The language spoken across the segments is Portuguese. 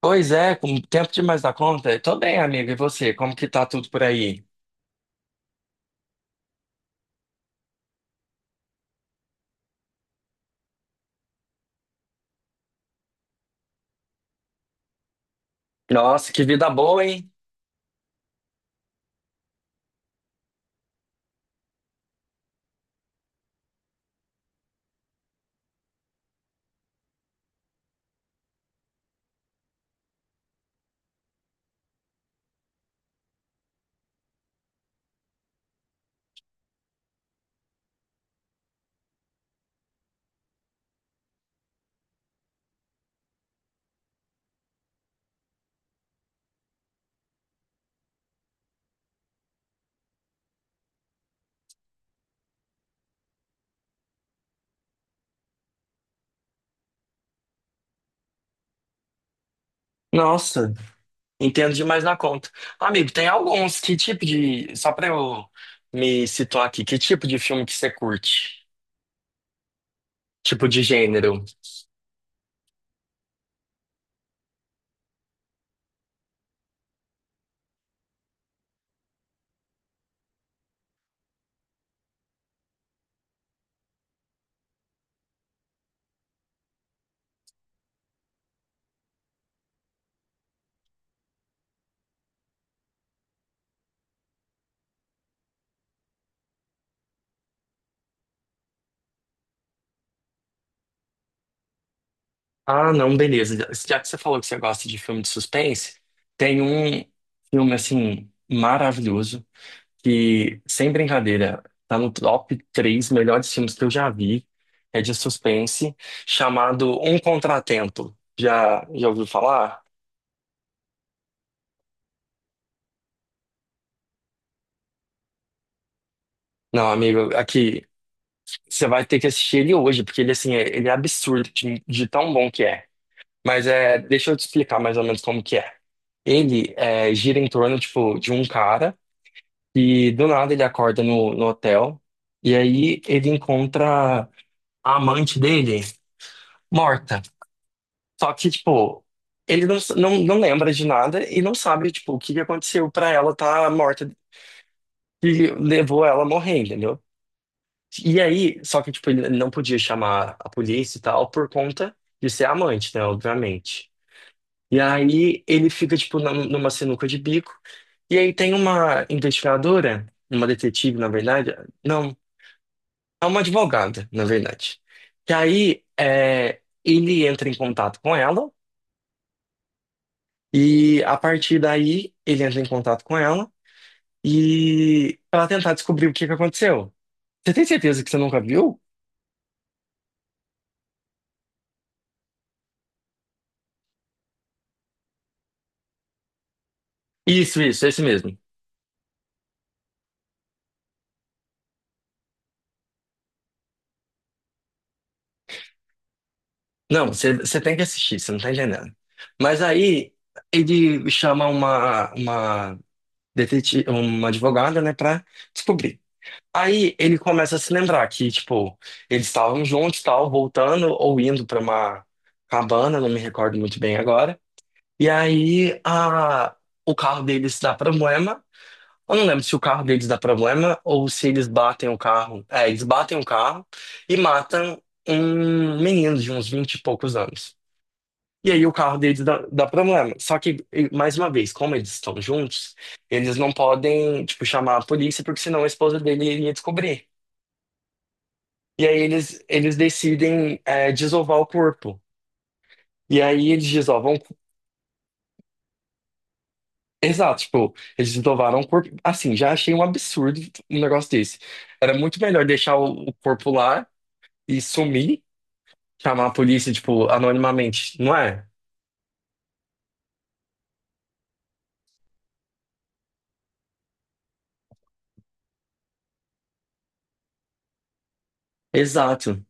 Pois é, com tempo demais da conta. Tô bem, amigo. E você? Como que tá tudo por aí? Nossa, que vida boa, hein? Nossa, entendo demais da conta. Amigo, tem alguns. Que tipo de. Só pra eu me situar aqui, que tipo de filme que você curte? Tipo de gênero? Ah, não, beleza. Já que você falou que você gosta de filme de suspense, tem um filme, assim, maravilhoso, que, sem brincadeira, tá no top três melhores filmes que eu já vi, é de suspense, chamado Um Contratempo. Já ouviu falar? Não, amigo, aqui, você vai ter que assistir ele hoje, porque ele, assim, ele é absurdo de tão bom que é. Mas é, deixa eu te explicar mais ou menos como que é. Ele é, gira em torno, tipo, de um cara e do nada ele acorda no hotel e aí ele encontra a amante dele morta. Só que, tipo, ele não lembra de nada e não sabe, tipo, o que que aconteceu pra ela estar morta, que levou ela a morrer, entendeu? E aí, só que, tipo, ele não podia chamar a polícia e tal por conta de ser amante, né, obviamente. E aí ele fica, tipo, numa sinuca de bico. E aí tem uma investigadora, uma detetive, na verdade, não, é uma advogada, na verdade. Que aí é, ele entra em contato com ela. E a partir daí, ele entra em contato com ela e ela tentar descobrir o que que aconteceu. Você tem certeza que você nunca viu? Isso, esse mesmo. Não, você tem que assistir, você não tá entendendo. Mas aí ele chama uma detetive, uma advogada, né, pra descobrir. Aí ele começa a se lembrar que, tipo, eles estavam juntos, tal, voltando ou indo pra uma cabana, não me recordo muito bem agora. E aí o carro deles dá problema. Eu não lembro se o carro deles dá problema ou se eles batem o carro. É, eles batem o carro e matam um menino de uns 20 e poucos anos. E aí o carro deles dá problema. Só que, mais uma vez, como eles estão juntos, eles não podem, tipo, chamar a polícia, porque senão a esposa dele iria descobrir. E aí eles decidem, é, desovar o corpo. E aí eles desovam. Exato, tipo, eles desovaram o corpo. Assim, já achei um absurdo um negócio desse. Era muito melhor deixar o corpo lá e sumir, chamar a polícia, tipo, anonimamente, não é? Exato,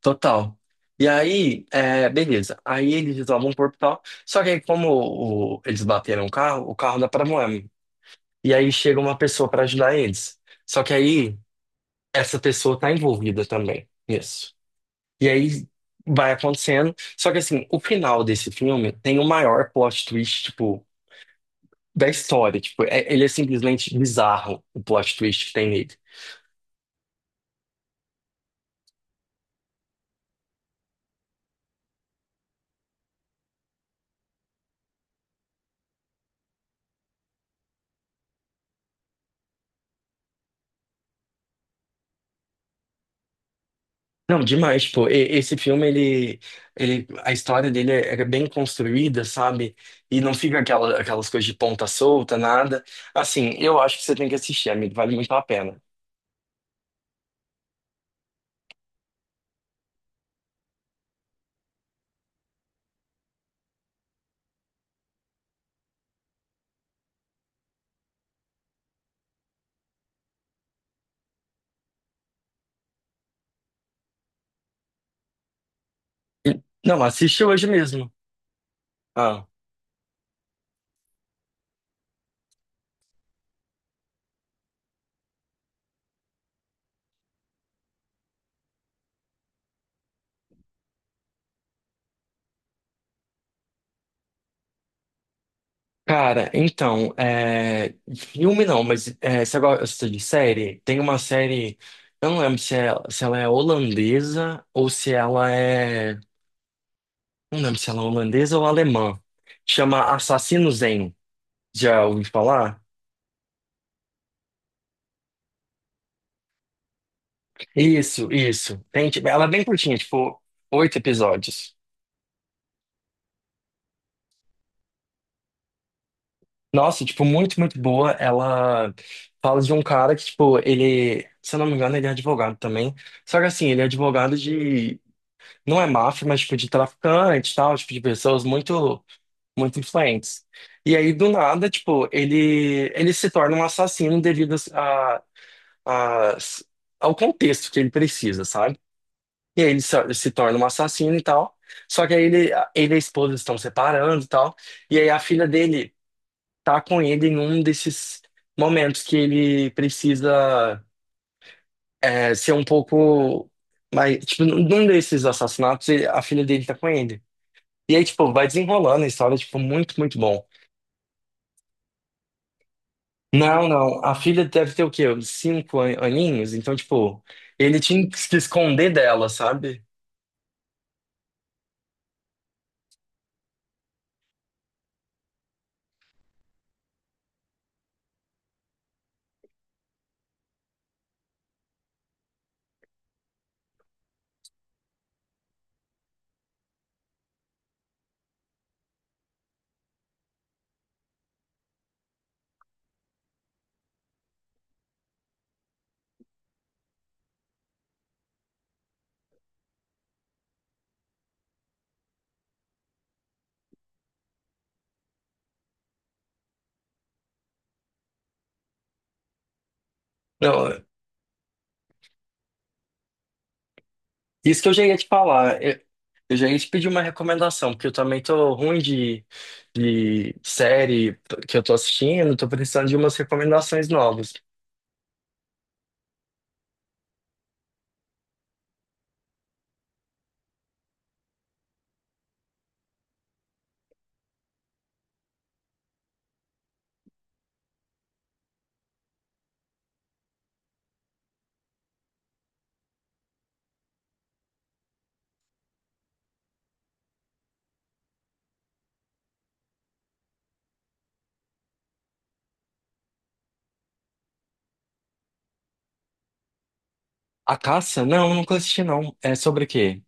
total. E aí, é, beleza. Aí eles resolvem o corpo e tal. Só que aí, como eles bateram o carro dá problema. E aí chega uma pessoa pra ajudar eles. Só que aí, essa pessoa tá envolvida também. Isso. E aí vai acontecendo. Só que assim, o final desse filme tem o maior plot twist, tipo, da história. Tipo, ele é simplesmente bizarro, o plot twist que tem nele. Não, demais, pô. Esse filme, ele, a história dele é bem construída, sabe? E não fica aquelas coisas de ponta solta, nada. Assim, eu acho que você tem que assistir, amigo. Vale muito a pena. Não, assiste hoje mesmo. Ah. Cara, então, é, de filme não, mas é, você gosta de série? Tem uma série, eu não lembro se, é, se ela é holandesa ou se ela é. Não lembro se ela é holandesa ou alemã. Chama Assassino Zen. Já ouvi falar? Isso, isso. Tem, tipo, ela é bem curtinha, tipo, oito episódios. Nossa, tipo, muito, muito boa. Ela fala de um cara que, tipo, ele, se eu não me engano, ele é advogado também. Só que assim, ele é advogado de não é máfia, mas tipo de traficante, e tal, tipo de pessoas muito muito influentes. E aí do nada, tipo, ele se torna um assassino devido a- ao contexto que ele precisa, sabe? E aí ele se torna um assassino e tal. Só que aí ele e a esposa estão separando e tal. E aí a filha dele tá com ele em um desses momentos que ele precisa é, ser um pouco mais, tipo, num desses assassinatos, a filha dele tá com ele. E aí, tipo, vai desenrolando a história, tipo, muito, muito bom. Não, não, a filha deve ter o quê? Uns 5 aninhos? Então, tipo, ele tinha que se esconder dela, sabe? Não, isso que eu já ia te falar. Eu já ia te pedir uma recomendação, porque eu também tô ruim de série que eu tô assistindo, tô precisando de umas recomendações novas. A Caça? Não, eu nunca assisti, não. É sobre o quê?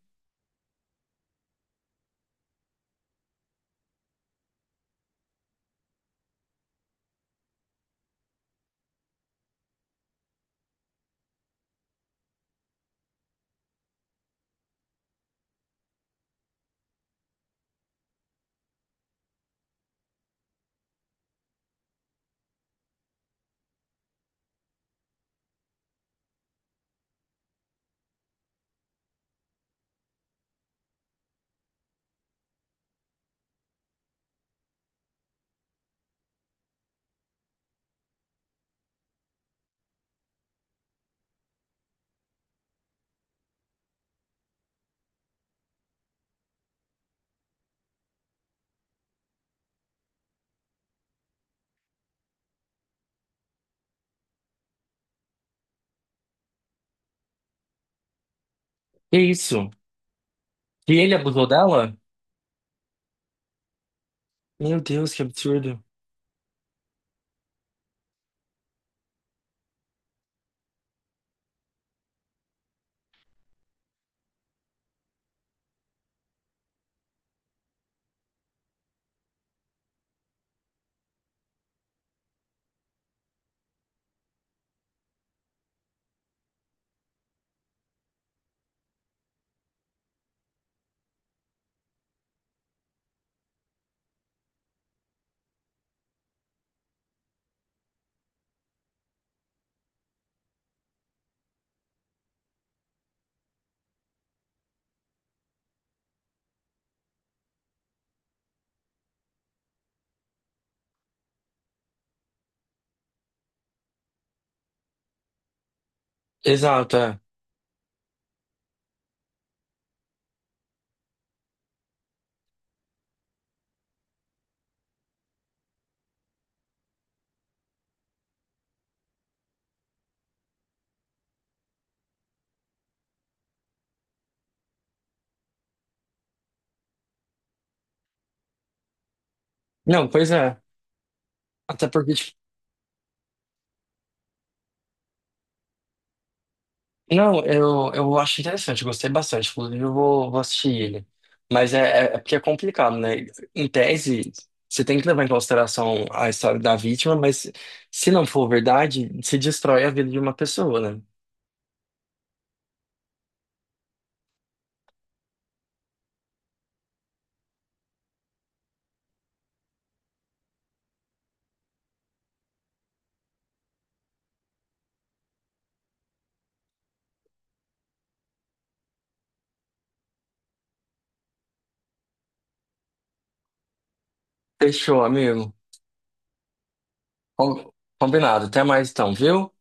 Que isso? E ele abusou dela? Meu Deus, que absurdo. Exato, é. Não, pois é. Até porque, tipo, não, eu acho interessante, eu gostei bastante. Inclusive, eu vou assistir ele. Mas é porque é complicado, né? Em tese, você tem que levar em consideração a história da vítima, mas se não for verdade, se destrói a vida de uma pessoa, né? Fechou, amigo. Com- Combinado. Até mais então, viu?